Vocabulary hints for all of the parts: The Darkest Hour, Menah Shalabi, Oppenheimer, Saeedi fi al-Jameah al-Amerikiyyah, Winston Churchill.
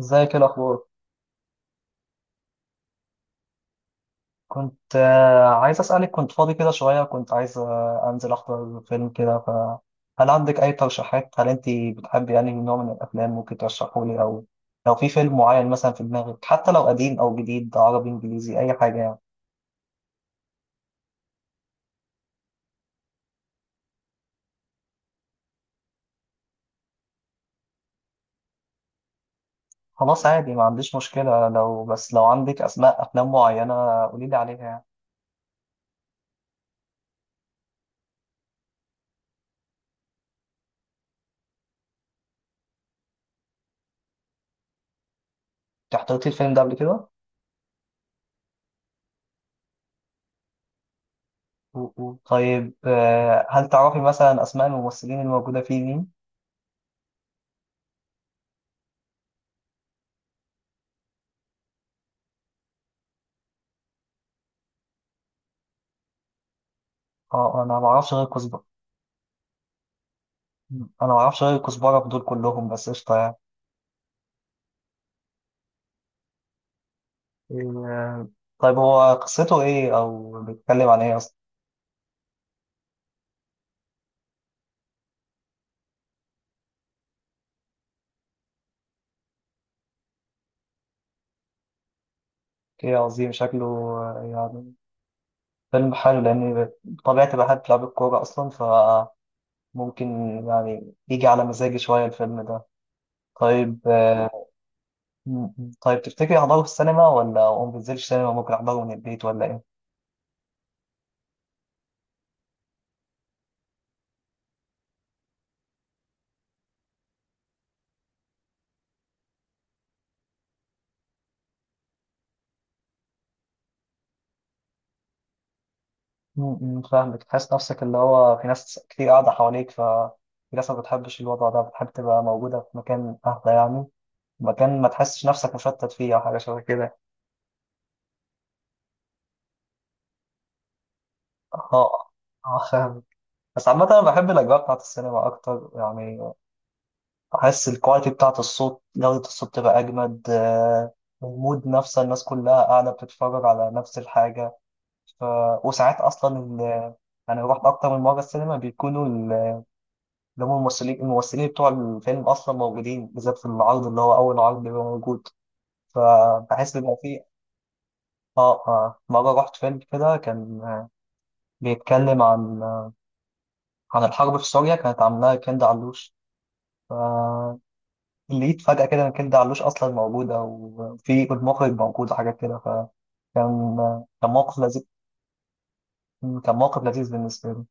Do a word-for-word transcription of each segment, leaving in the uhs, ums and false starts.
ازيك؟ ايه الاخبار؟ كنت آه، عايز اسالك، كنت فاضي كده شويه، كنت عايز آه، انزل احضر فيلم كده. فهل عندك اي ترشيحات؟ هل انت بتحبي يعني نوع من الافلام ممكن ترشحه لي، او لو في فيلم معين مثلا في دماغك، حتى لو قديم او جديد، عربي، انجليزي، اي حاجه يعني. خلاص، عادي، ما عنديش مشكله، لو بس لو عندك اسماء افلام معينه قولي لي عليها يعني. انت حضرتي الفيلم ده قبل كده؟ أوه. طيب، آه، هل تعرفي مثلا اسماء الممثلين الموجوده فيه مين؟ اه، انا ما اعرفش غير. انا ما اعرفش غير الكزبره في دول كلهم، بس قشطه يعني. إيه. طيب، هو قصته ايه او بيتكلم عن ايه اصلا؟ ايه، عظيم. شكله آه، يعني فيلم حلو، لاني بطبيعتي بحب لعب الكوره اصلا، فممكن يعني يجي على مزاجي شويه الفيلم ده. طيب آه، م- م. طيب تفتكري احضره في السينما، ولا ما بنزلش سينما ممكن احضره من البيت، ولا ايه؟ م- م، فاهمك. تحس نفسك اللي هو في ناس كتير قاعده حواليك، ف في ناس ما بتحبش الوضع ده، بتحب تبقى موجودة في مكان أهدى يعني. مكان ما تحسش نفسك مشتت فيه، او حاجه شبه كده. اه اه، فاهم. بس عامة أنا بحب الأجواء بتاعة السينما أكتر يعني. بحس الكواليتي بتاعة الصوت، جودة الصوت تبقى أجمد، آه، المود نفسه، الناس كلها قاعدة بتتفرج على نفس الحاجة. ف... وساعات أصلا ال... أنا رحت أكتر من مرة السينما، بيكونوا ال- اللي هم الممثلين الممثلين بتوع الفيلم أصلا موجودين، بالذات في العرض اللي هو أول عرض بيبقى موجود. فبحس بيبقى فيه. آه آه مرة رحت فيلم كده، كان بيتكلم عن عن الحرب في سوريا، كانت عاملاها كندا علوش. فلقيت فجأة كده إن كندا علوش أصلا موجودة، وفي المخرج موجود، وحاجات كده، فكان كان موقف لذيذ، كان موقف لذيذ بالنسبة لي.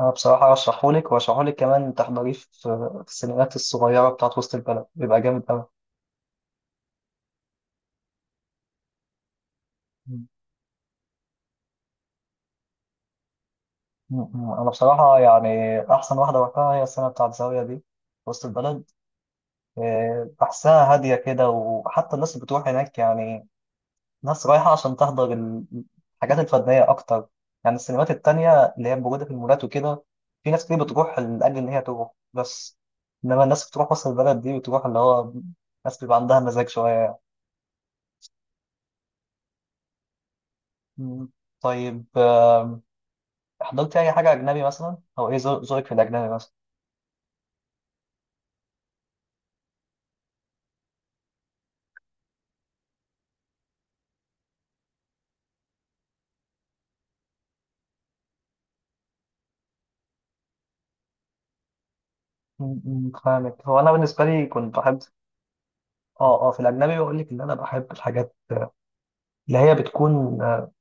أنا بصراحة أرشحهولك، وأرشحهولك كمان تحضريه في في السينمات الصغيرة بتاعت وسط البلد، بيبقى جامد أوي. م- م-. أنا بصراحة يعني أحسن واحدة وقتها هي السنة بتاعت زاوية دي في وسط البلد. آه، بحسها هادية كده، وحتى الناس اللي بتروح هناك يعني ناس رايحة عشان تحضر ال- الحاجات الفنية أكتر. يعني السينمات التانية اللي هي موجودة في المولات وكده، في ناس كتير بتروح لأجل إن هي تروح بس. إنما الناس بتروح وسط البلد دي بتروح اللي هو، ناس بيبقى عندها مزاج شوية. مم. طيب آم، حضرت أي حاجة أجنبي مثلا، أو إيه ذو- ذوقك في الأجنبي مثلا؟ مم، مم، فاهمك. هو أنا بالنسبة لي كنت بحب آه آه في الأجنبي بقول لك إن أنا بحب الحاجات اللي هي بتكون آه،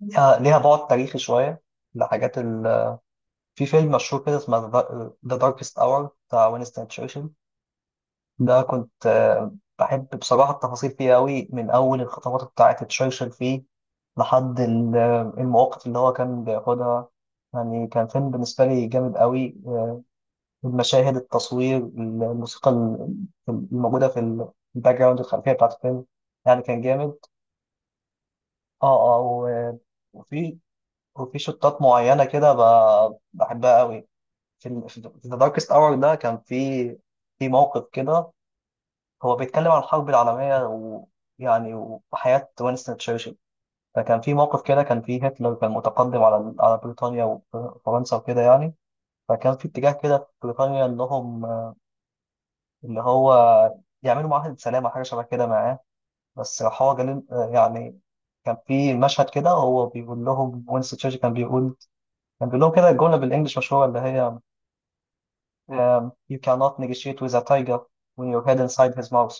ليها ليها بعد تاريخي شوية. الحاجات، في فيلم مشهور كده اسمه ذا داركست اور بتاع وينستون تشرشل. ده كنت آه، بحب بصراحة التفاصيل فيه قوي، من أول الخطوات بتاعة تشرشل فيه، لحد ال- آه، المواقف اللي هو كان بياخدها. يعني كان فيلم بالنسبة لي جامد قوي، آه، المشاهد، التصوير، الموسيقى، ال- الموجودة في ال- في الباك جراوند، الخلفية بتاعة الفيلم. يعني كان جامد. اه اه و- وفي وفي شطات معينة كده، ب- بحبها قوي. في ال- في ذا داركست اور ده، كان في في موقف كده، هو بيتكلم عن الحرب العالميه، ويعني وحياه وينستون تشرشل. فكان في موقف كده، كان في هتلر، كان متقدم على على بريطانيا وفرنسا وكده يعني. فكان في اتجاه كده في بريطانيا انهم آه، اللي هو يعملوا معاهده سلام او حاجه شبه كده معاه. بس راح هو جالين آه، يعني، كان في مشهد كده هو بيقول لهم، وينستون تشرشل كان بيقول كان بيقول لهم كده الجمله بالانجلش مشهوره اللي هي: Um, you cannot negotiate with a tiger when your head inside his mouth.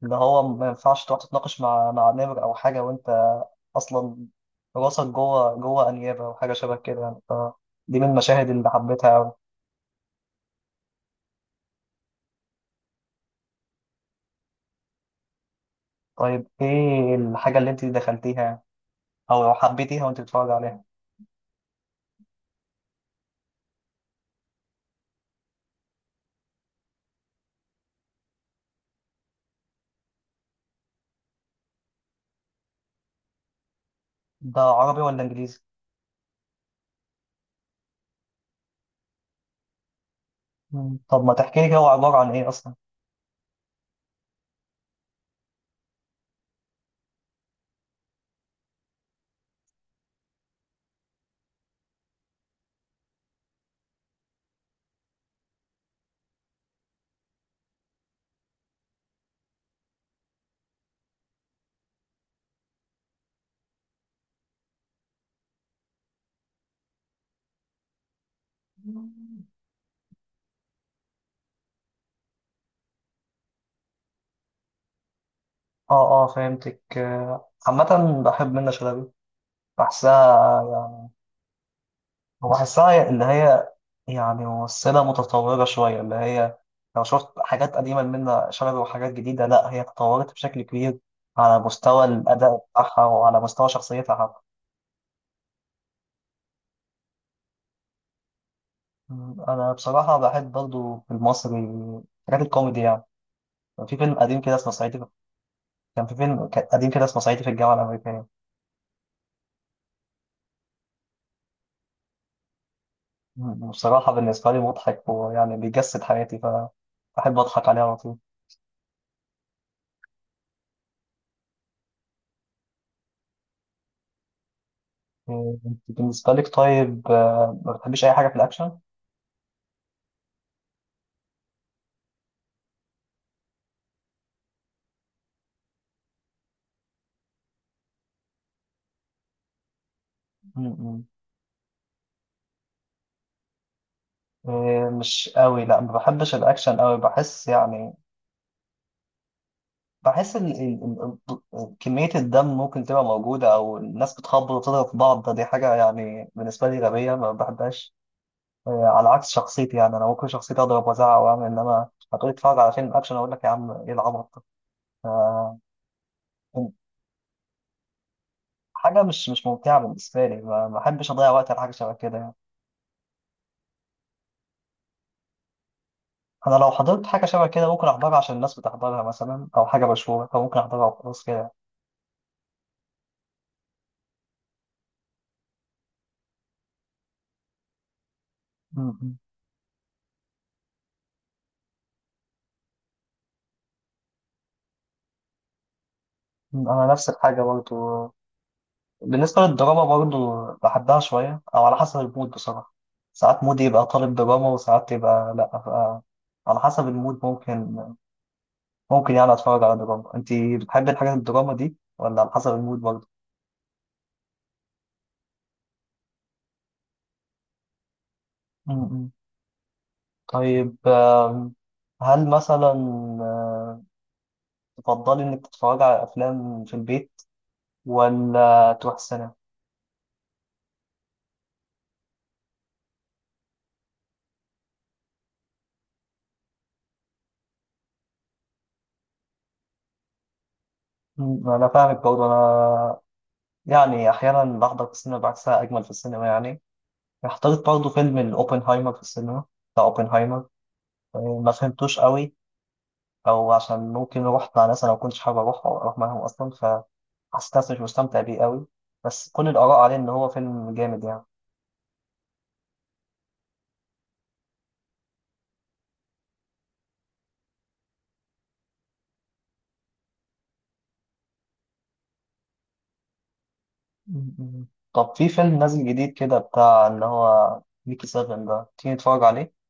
فاللي هو ما ينفعش تقعد تتناقش مع مع نمر أو حاجة وأنت أصلا راسك جوه جوه أنيابة، أو حاجة شبه كده يعني، فدي من المشاهد اللي حبيتها أوي. طيب، إيه الحاجة اللي أنت دخلتيها؟ أو لو حبيتيها وأنت بتتفرج عليها؟ ده عربي ولا إنجليزي؟ مم. طب ما تحكي لي كده، هو عبارة عن إيه أصلا؟ اه اه، فهمتك. آه، عامة بحب منة شلبي، بحسها، بحسها اللي هي يعني ممثلة متطورة شوية، اللي هي لو شفت حاجات قديمة منها شبه وحاجات جديدة، لا هي تطورت بشكل كبير، على مستوى الأداء بتاعها وعلى مستوى شخصيتها حتى. م، أنا بصراحة بحب برضو في المصري حاجات الكوميدي يعني. كان في فيلم قديم كده اسمه صعيدي في- كان في فيلم ك- قديم كده اسمه صعيدي في الجامعة الأمريكية. م، بصراحة بالنسبة لي مضحك، ويعني بيجسد حياتي، فبحب أضحك عليه على طول. م، أنت بالنسبة لك، طيب آه، ما بتحبيش أي حاجة في الأكشن؟ م- م. إيه، مش قوي، لا ما بحبش الاكشن قوي، بحس يعني بحس ال... ال... ال... كمية الدم ممكن تبقى موجودة، او الناس بتخبط وتضرب في بعض، ده دي حاجة يعني بالنسبة لي غبية ما بحبهاش. إيه، على عكس شخصيتي يعني انا ممكن شخصيتي اضرب وازعق واعمل، انما هتقولي اتفرج على فيلم اكشن اقول لك يا عم ايه العبط ده؟ ف- حاجة مش مش ممتعة بالنسبة لي، ما ما بحبش اضيع وقت على حاجة شبه كده يعني. انا لو حضرت حاجة شبه كده ممكن احضرها عشان الناس بتحضرها مثلا، او حاجة مشهورة، فممكن احضرها وخلاص كده. م- م. انا نفس الحاجه برضو، بالنسبه للدراما برضو بحبها شويه او على حسب المود بصراحه. ساعات مودي يبقى طالب دراما، وساعات يبقى لا، ف- على حسب المود، ممكن ممكن يعني اتفرج على دراما. انت بتحبي الحاجات الدراما دي ولا على حسب المود برضو؟ م- م. طيب آم، هل مثلا آه، تفضلي انك تتفرجي على افلام في البيت، ولا تروح السينما؟ م، انا فاهمك برضو. انا يعني احيانا بحضر في السينما، بحسها اجمل في السينما يعني. اخترت برضه فيلم الأوبنهايمر في السينما، بتاع أوبنهايمر. آه، ما فهمتوش قوي، أو عشان ممكن روحت مع ناس أنا ما كنتش حابب أروح، أو أروح معاهم أصلا، فحسيت نفسي مش مستمتع بيه قوي. بس كل الآراء عليه إن هو فيلم جامد يعني. م- م. طب في فيلم نازل جديد كده بتاع اللي هو ميكي سيفن ده، تيجي نتفرج عليه؟